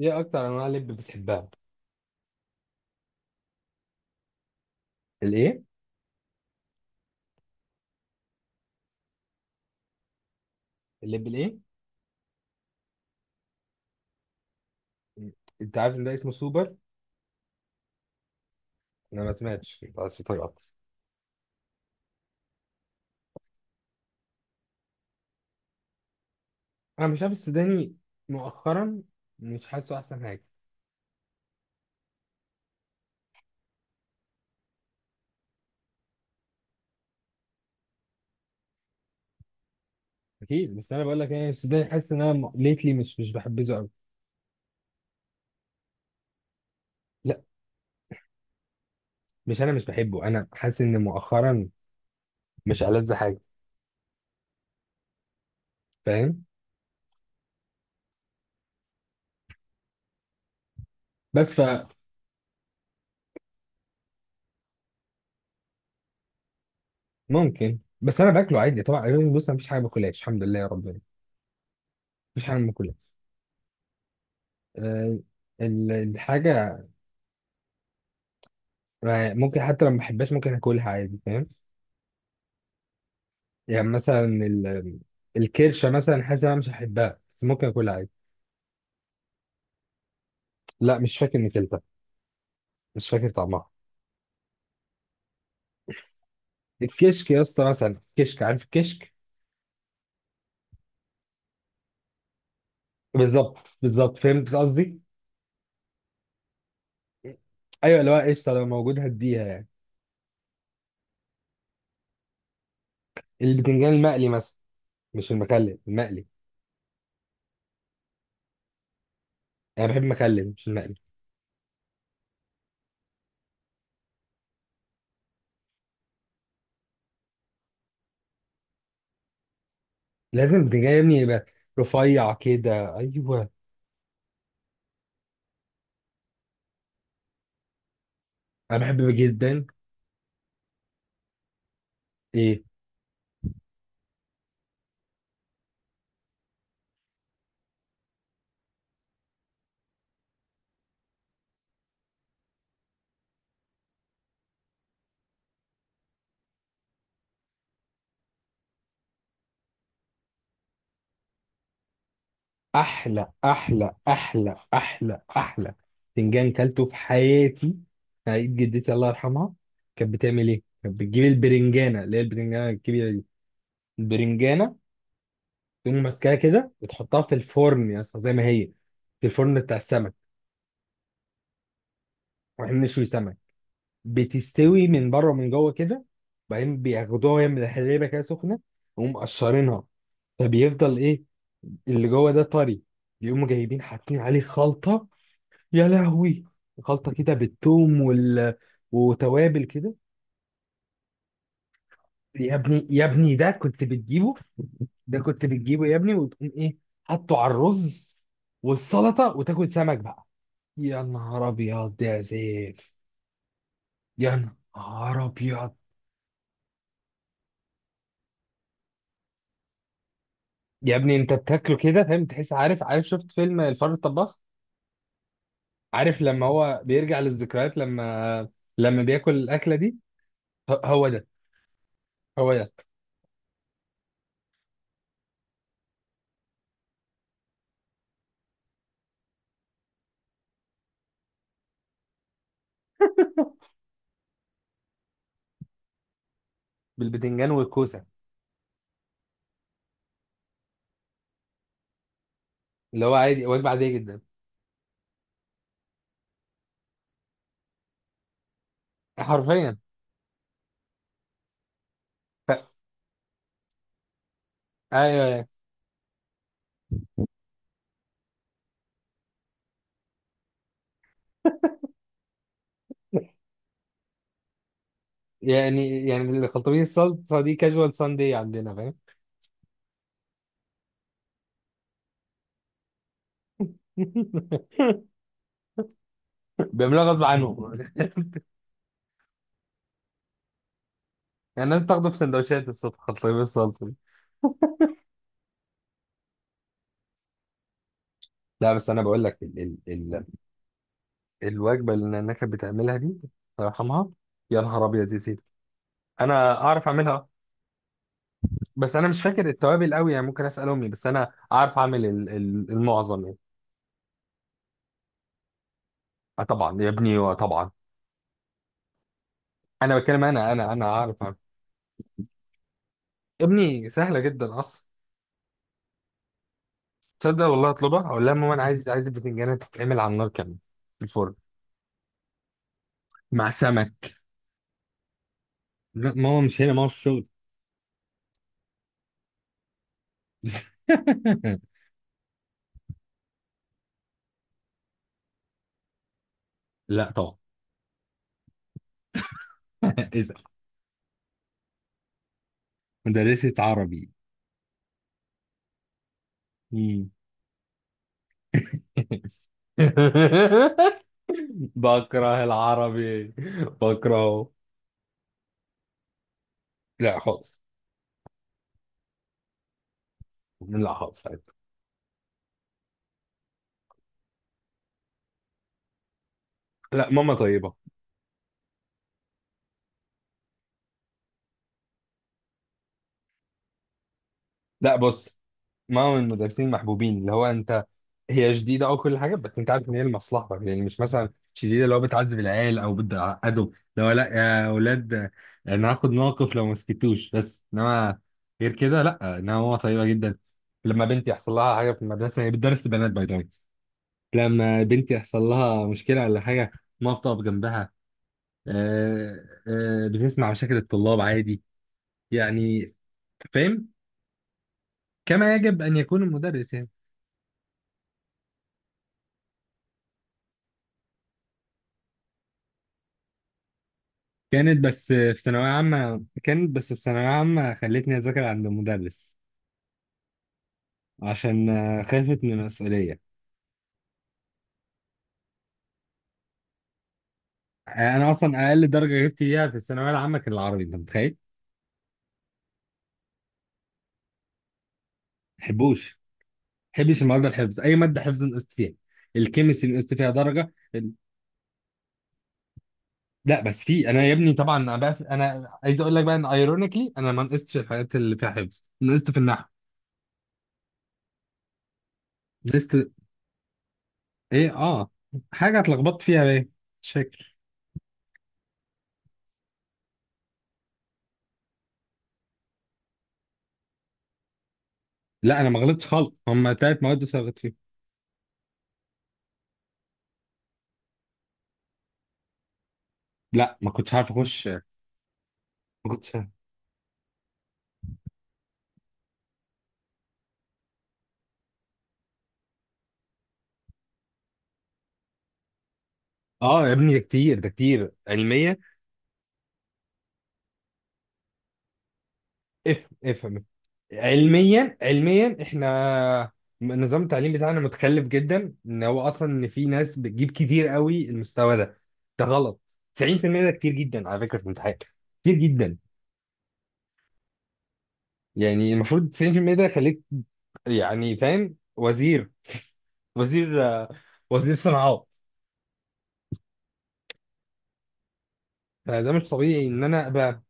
ايه اكتر انواع لب بتحبها؟ الايه؟ اللب الايه؟ انت عارف ان ده اسمه سوبر. انا ما سمعتش، بس طيب اكتر. انا مش عارف السوداني مؤخرا، مش حاسه احسن حاجه. اكيد، بس انا بقول لك يعني السوداني حاسس ان انا ليتلي مش بحبذه قوي. لا، مش، انا مش بحبه، انا حاسس ان مؤخرا مش ألذ حاجه. فاهم. بس فممكن، بس انا باكله عادي طبعا يعني، بص مفيش حاجه باكلهاش الحمد لله يا ربنا. مفيش حاجه ما باكلهاش. أه. الحاجه. آه، ممكن حتى لو ما بحبهاش ممكن اكلها عادي، فاهم. يعني مثلا الكرشه مثلا، حاسس إن انا مش هحبها بس ممكن اكلها عادي. لا، مش فاكر اني كلتها، مش فاكر طعمها. الكشك يا اسطى مثلا، كشك، عارف الكشك. بالظبط بالظبط، فهمت قصدي. ايوه، اللي هو قشطه، لو موجود هديها يعني. البتنجان المقلي مثلا، مش المخلل، المقلي. انا بحب المخلل مش المقلي. لازم البتنجان يا ابني يبقى رفيع كده، ايوه. انا بحبه جدا. ايه؟ احلى احلى احلى احلى احلى فنجان كلته في حياتي في عيد جدتي، الله يرحمها. كانت بتعمل ايه؟ كانت بتجيب البرنجانه، اللي هي البرنجانه الكبيره دي. البرنجانه تقوم ماسكاها كده وتحطها في الفرن يا اسطى زي ما هي، في الفرن بتاع السمك، واحنا بنشوي سمك. بتستوي من بره ومن جوه كده، وبعدين بياخدوها وهي من الحليبه كده سخنه، ويقوم مقشرينها. فبيفضل ايه؟ اللي جوه ده طري. بيقوموا جايبين حاطين عليه خلطه، يا لهوي، خلطة كده بالثوم وتوابل كده. يا ابني، يا ابني، ده كنت بتجيبه، ده كنت بتجيبه يا ابني وتقوم ايه، حطه على الرز والسلطة وتاكل سمك بقى. يا نهار ابيض يا سيف. يا نهار ابيض. يا ابني انت بتاكله كده فاهم، تحس، عارف، عارف، شفت فيلم الفار الطباخ؟ عارف لما هو بيرجع للذكريات، لما بياكل الاكلة دي. هو ده. هو ده. بالبتنجان والكوسة. اللي هو عادي، وجبة عادية جدا. حرفيا. ايوه، أيوة. يعني يعني الخلطبيط الصلصه دي كاجوال ساندي عندنا، فاهم. بيعملوها غصب عنهم. يعني الناس بتاخده في سندوتشات الصبح، خلطبيط الصلصه دي. لا، بس انا بقول لك، ال ال ال الوجبه اللي النانا كانت بتعملها دي، الله يرحمها. يا نهار ابيض يا سيدي. انا اعرف اعملها، بس انا مش فاكر التوابل قوي يعني، ممكن اسال امي، بس انا اعرف اعمل ال ال المعظم يعني. آه طبعا يا ابني، آه طبعا. انا بتكلم، انا اعرف اعمل يا ابني، سهله جدا اصلا. تصدق والله اطلبها اقول لها ماما انا عايز البتنجانه تتعمل على النار كمان، في الفرن، مع سمك. لا ماما مش هنا، ماما في الشغل. لا طبعا. اسال. مدرسة عربي. مم. بكره العربي، بكرهه. لا خالص. لا خالص عادي. لا ماما طيبة. لا، بص، ما من المدرسين محبوبين، اللي هو انت، هي شديده او كل حاجه، بس انت عارف ان هي لمصلحتك، يعني مش مثلا شديده اللي هو بتعذب العيال او بتعقدهم. لو لا يا اولاد انا هاخد موقف لو ما سكتوش، بس انما غير كده لا، انما هو طيبه جدا. لما بنتي يحصل لها حاجه في المدرسه، هي بتدرس البنات باي ذا. لما بنتي يحصل لها مشكله ولا حاجه، ما بتقف جنبها. آه، آه، بتسمع مشاكل الطلاب عادي يعني، فاهم، كما يجب ان يكون المدرس يعني. كانت بس في ثانوية عامة خلتني أذاكر عند المدرس. عشان خافت من المسؤولية. آه، أنا أصلا أقل درجة جبت فيها في الثانوية العامة كان العربي، أنت متخيل؟ محبوش، محبش المواد الحفظ، أي مادة حفظ نقصت فيها. الكيمستري نقصت فيها درجة لا، بس في أنا يا ابني طبعا، أنا بقى أنا عايز أقول لك بقى إن أيرونيكلي أنا ما نقصتش الحاجات اللي فيها حفظ، نقصت في النحو. نقصت إيه حاجة اتلخبطت فيها بقى، مش فاكر. لا أنا ما غلطتش خالص، هما تلات مواد بس اللي غلطت فيهم. لا ما كنتش عارف اخش، ما كنتش عارف. اه يا ابني ده كتير، ده كتير علميا. افهم افهم. علميا علميا، احنا نظام التعليم بتاعنا متخلف جدا، ان هو اصلا ان في ناس بتجيب كتير قوي المستوى ده، ده غلط. 90% ده كتير جدا على فكرة في الامتحان، كتير جدا. يعني المفروض 90% ده خليك يعني فاهم وزير، وزير وزير صناعات. فده مش طبيعي ان انا ابقى،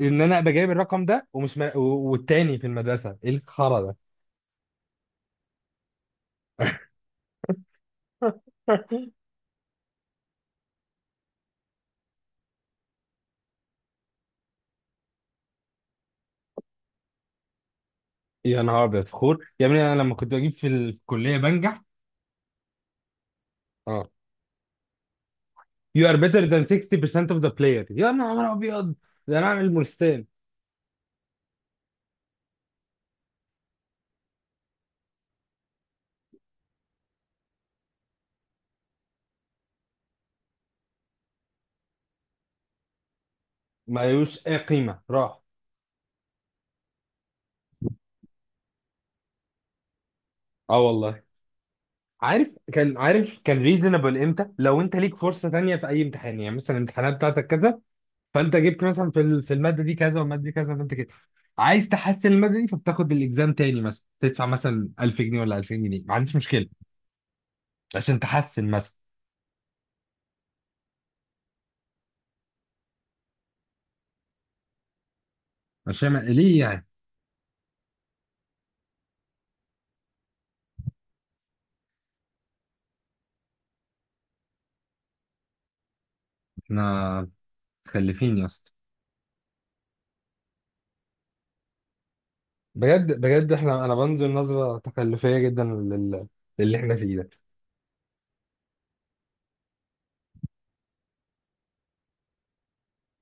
جايب الرقم ده، والتاني في المدرسة، ايه الخرا ده؟ يا نهار ابيض خور يا ابني، انا لما كنت بجيب في الكليه بنجح. اه you are better than 60% of the player. يا نهار ابيض، ده انا اعمل مرستان. ملوش اي قيمه راح. اه والله. عارف كان، عارف كان ريزونبل امتى؟ لو انت ليك فرصه تانية في اي امتحان، يعني مثلا الامتحانات بتاعتك كذا، فانت جبت مثلا في الماده دي كذا والماده دي كذا، فانت كده عايز تحسن الماده دي، فبتاخد الاكزام تاني، مثلا تدفع مثلا 1000 جنيه ولا 2000 جنيه، ما عنديش مشكله، عشان تحسن مثلا، عشان ليه يعني. احنا متخلفين يا اسطى، بجد بجد احنا، انا بنزل نظره تكلفيه جدا للي احنا فيه ده